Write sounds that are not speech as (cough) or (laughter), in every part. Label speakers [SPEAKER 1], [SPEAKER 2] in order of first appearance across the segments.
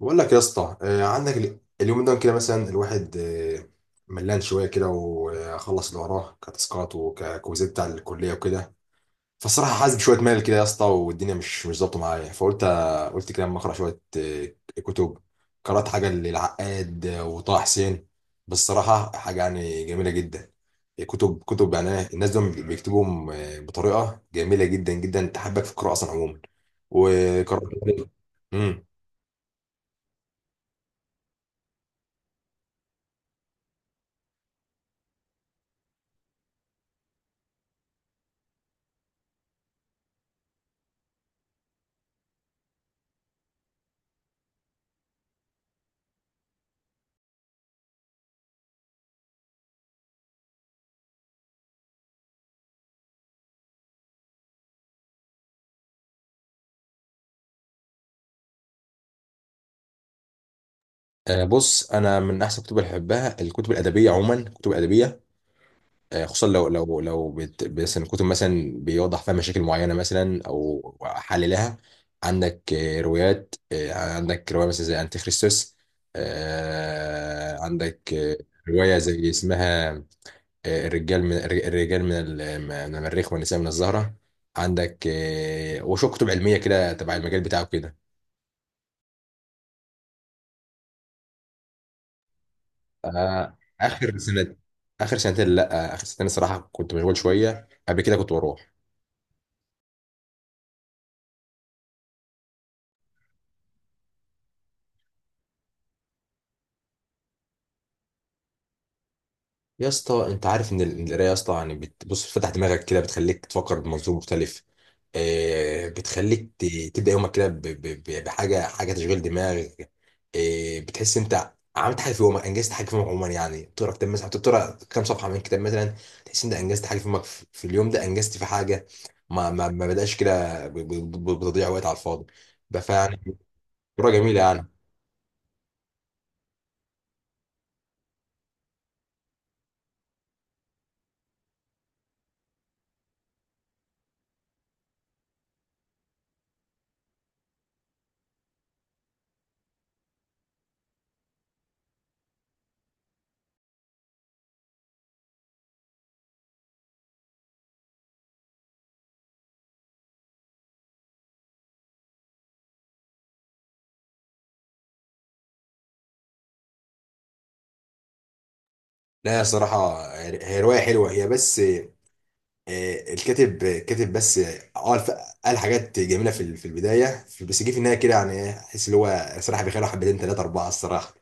[SPEAKER 1] بقول لك يا اسطى آه، عندك اليوم ده كده مثلا الواحد آه، ملان شويه كده وخلص اللي وراه كتاسكات وككوزات بتاع الكليه وكده. فالصراحه حاسس بشويه مال كده يا اسطى، والدنيا مش ظابطه معايا، فقلت آه، قلت كده اما اقرا شويه آه، كتب. قرات حاجه للعقاد آه، وطه حسين. بالصراحه حاجه يعني جميله جدا. كتب يعني الناس دول بيكتبوا آه، بطريقه جميله جدا جدا، تحبك في القراءه اصلا عموما. وقرات (laughs) مم. آه، بص، انا من احسن الكتب اللي بحبها الكتب الادبيه عموما، الكتب الادبيه آه، خصوصا مثلا كتب مثلا بيوضح فيها مشاكل معينه مثلا او حللها. عندك آه، روايات آه، عندك روايه مثلا زي انتي خريستوس آه، عندك آه، روايه زي اسمها آه، الرجال من المريخ والنساء من الزهره. عندك آه، وشو كتب علميه كده تبع المجال بتاعه كده. آه، اخر سنة، اخر سنتين، لا اخر سنتين الصراحه كنت مشغول شويه، قبل كده كنت بروح. يا اسطى انت عارف ان القرايه يا اسطى يعني بتبص، بتفتح دماغك كده، بتخليك تفكر بمنظور مختلف. آه بتخليك تبدا يومك كده بحاجه، حاجه تشغيل دماغ. آه بتحس انت عملت حاجه في يومك، انجزت حاجه في يومك عموما، يعني تقرا كتاب مثلا، تقرا كام صفحه من كتاب مثلا، تحس انت انجزت حاجه في يومك، في في اليوم ده انجزت في حاجه. ما بداش كده بتضيع وقت على الفاضي. رواية جميلة يعني. لا صراحة هي رواية حلوة هي، بس آه، الكاتب كاتب، بس اه قال حاجات جميلة في في البداية بس جه في النهاية كده يعني إيه، احس اللي هو صراحة بيخلوا حبتين تلاتة أربعة الصراحة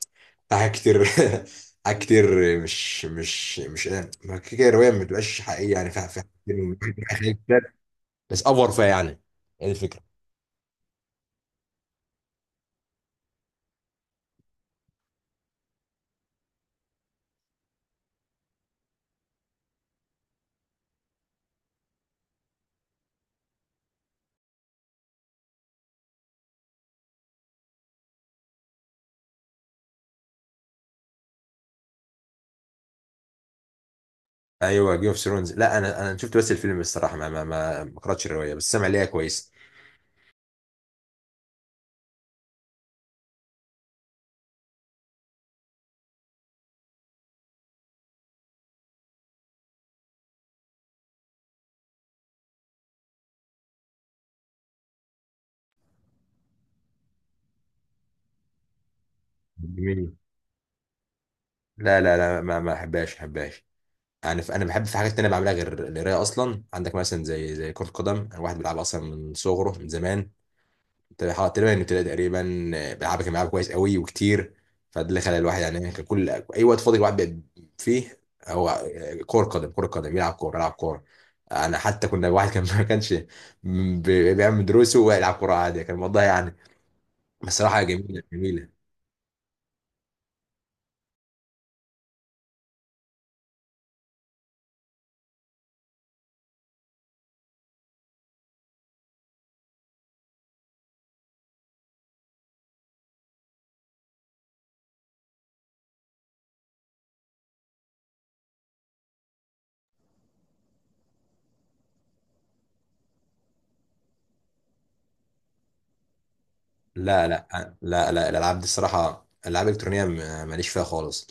[SPEAKER 1] حاجات كتير. (laughs) حاجات كتير. مش آه، ما كده كده الرواية ما بتبقاش حقيقية يعني، فيها فيها كتير (laughs) حاجات كتير. بس أفور فيها يعني، هي دي الفكرة. ايوه، جيم اوف ثرونز، لا انا شفت بس الفيلم الصراحه ما قراتش الروايه، بس سامع ليها كويس. جميل. لا لا لا ما ما احبهاش، احبهاش. انا بحب في حاجات تانية بعملها غير القرايه اصلا. عندك مثلا زي كره قدم، انا واحد بيلعب اصلا من صغره، من زمان، تقريبا تقريبا من ابتدائي تقريبا. بيلعبها، كان بيلعبها كويس قوي وكتير. فده اللي خلى الواحد يعني إيه، كان كل اي وقت فاضي الواحد بيبقى فيه هو كره قدم، كره قدم، يلعب كوره، يلعب كوره. انا حتى كنا واحد كان (laughs) ما كانش بيعمل دروسه ويلعب كوره عادي، كان الموضوع يعني بصراحه جميله جميله. لا لا لا لا، الالعاب دي الصراحه الالعاب الالكترونيه ماليش فيها خالص.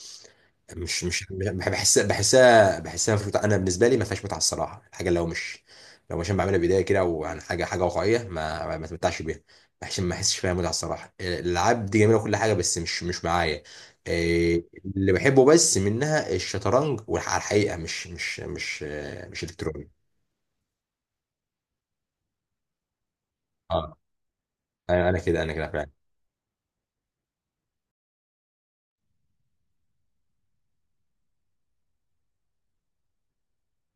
[SPEAKER 1] مش مش بح- بحسها مش متعة. انا بالنسبه لي ما فيهاش متعه الصراحه، الحاجه لو مش أنا بعملها بايديا كده وعن حاجه، حاجه واقعيه ما اتمتعش بيها. بحس ما احسش فيها متعه الصراحه، الالعاب دي جميله وكل حاجه بس مش مش معايا. إيه، اللي بحبه بس منها الشطرنج والحقيقه الحقيقة، مش الكتروني. اه، انا كده فعلا.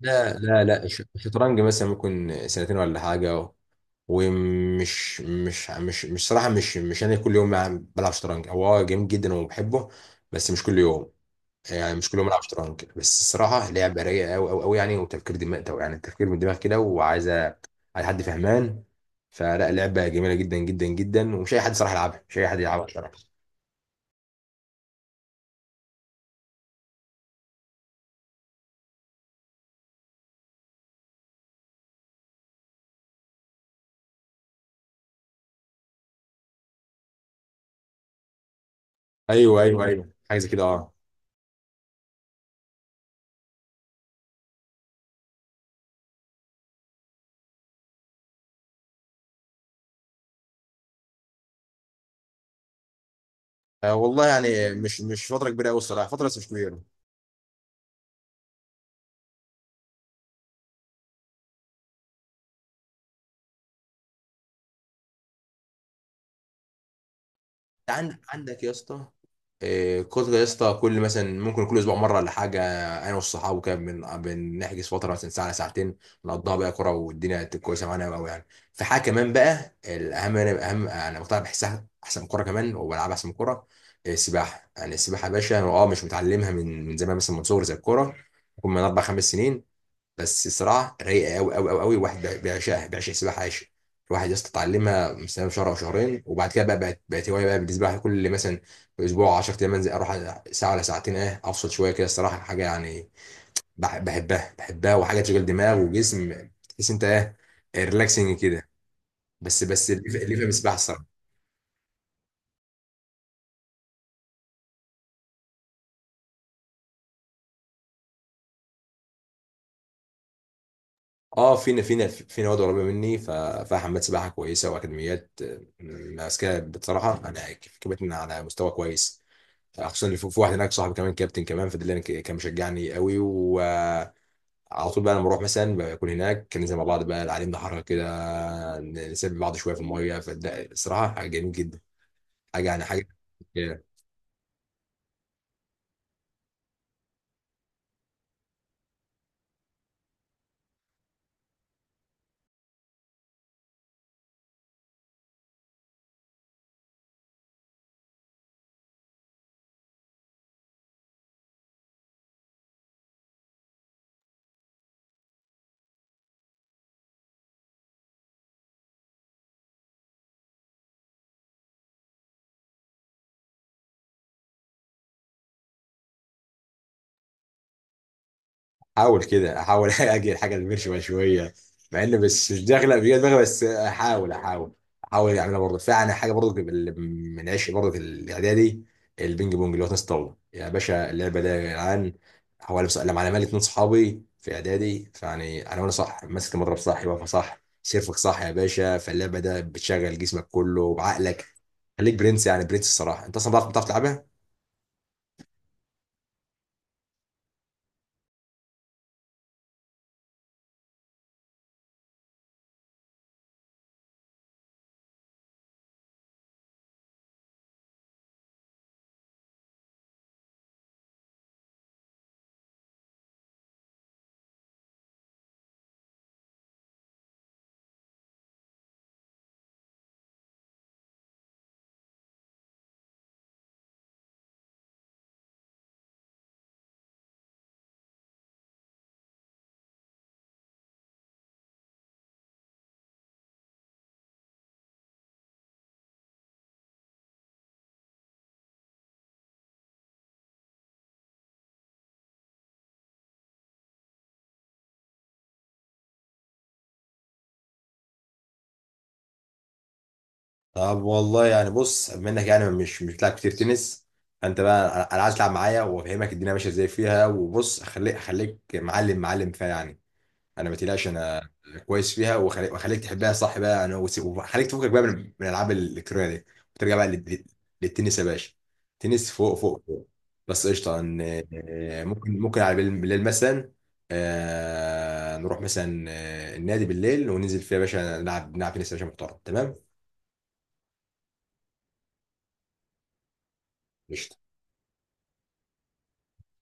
[SPEAKER 1] لا لا لا الش- الشطرنج مثلا ممكن سنتين ولا حاجة، ومش مش مش مش صراحة مش أنا كل يوم بلعب شطرنج. هو آه جميل جدا وبحبه، بس مش كل يوم، يعني مش كل يوم بلعب شطرنج، بس الصراحة لعبة رايقة أوي أوي أوي يعني، وتفكير دماغ ده يعني، التفكير من دماغ كده، وعايزة على حد فهمان. فلا، لعبة جميلة جدا جدا جدا، ومش أي حد صراحة يلعبها، مش أي حد يلعبها صراحة. أيوه أيوه أيوه حاجة زي كده، أه. آه، والله يعني مش فترة كبيرة أوي الصراحة، فترة بس مش كبيرة. عندك يا اسطى آه، كتر يا اسطى، كل مثلا ممكن كل اسبوع مره ولا حاجه. انا والصحاب وكده بنحجز فتره مثلا ساعه ساعتين، نقضيها بقى كوره، والدنيا تبقى كويسه معانا قوي يعني. في حاجه كمان بقى الاهم، انا اهم انا بقتنع، بحسها احسن من الكوره كمان، وبلعبها احسن من الكوره، آه، السباحه. يعني السباحه يا باشا أنا اه مش متعلمها من من زمان مثلا من صغري زي الكوره، ممكن من اربع خمس سنين، بس صراحه رايقه قوي قوي قوي قوي، الواحد بيعشقها، بيعشق السباحه عايش. الواحد يا اسطى اتعلمها مثلا شهر او شهرين وبعد كده بقى بقت هوايه بقى بالنسبه لي. كل مثلا اسبوع 10 ايام انزل اروح ساعه ولا ساعتين، اه افصل شويه كده الصراحه، حاجه يعني بحبها، بحبها، وحاجه تشغل دماغ وجسم، تحس انت ايه، ريلاكسنج كده. اللي يفهم السباحه الصراحه. اه، فينا فينا في نواد قريبه مني، فيها حمامات سباحه كويسه واكاديميات آه، ماسكاها بصراحه، انا كفت على مستوى كويس، خصوصا اللي في في واحد هناك صاحبي كمان، كابتن كمان، فده اللي أنا كان مشجعني قوي، وعلى طول بقى لما بروح مثلا بكون هناك، كان ننزل مع بعض بقى، العالم ده حركه كده، نسبي بعض شويه في الميه، فده الصراحه حاجه جميل جدا، حاجه يعني حاجه. احاول كده، احاول (laughs) اجي الحاجه اللي ماشيه شويه، مع ان بس مش داخله بيا دماغي، بس احاول احاول اعملها برضه. فعلا حاجه برضه اللي من عشق برضه في الاعدادي، البينج بونج، اللي هو تنس الطاوله يا باشا، اللعبه ده يا جدعان. هو بس لما انا مالي اتنين صحابي في اعدادي، فيعني انا، وانا صح ماسك المضرب صح، واقفه صح، سيرفك صح يا باشا، فاللعبه ده بتشغل جسمك كله وعقلك. خليك برنس، يعني برنس الصراحه، انت اصلا بتعرف، بتعرف تلعبها. طب والله يعني بص، منك يعني مش بتلعب كتير تنس، فانت بقى انا عايز تلعب معايا، وافهمك الدنيا ماشيه ازاي فيها، وبص اخليك، اخليك معلم، معلم فيها يعني. انا ما تقلقش انا كويس فيها، واخليك تحبها صح بقى يعني، وخليك تفكك بقى من من الالعاب الالكترونيه دي، وترجع بقى للتنس يا باشا، تنس فوق فوق فوق. بس قشطه آه، ممكن ممكن على بالليل، بالليل مثلا آه، نروح مثلا آه، النادي بالليل وننزل فيها يا باشا، نلعب نلعب تنس يا باشا محترم تمام. قشطه.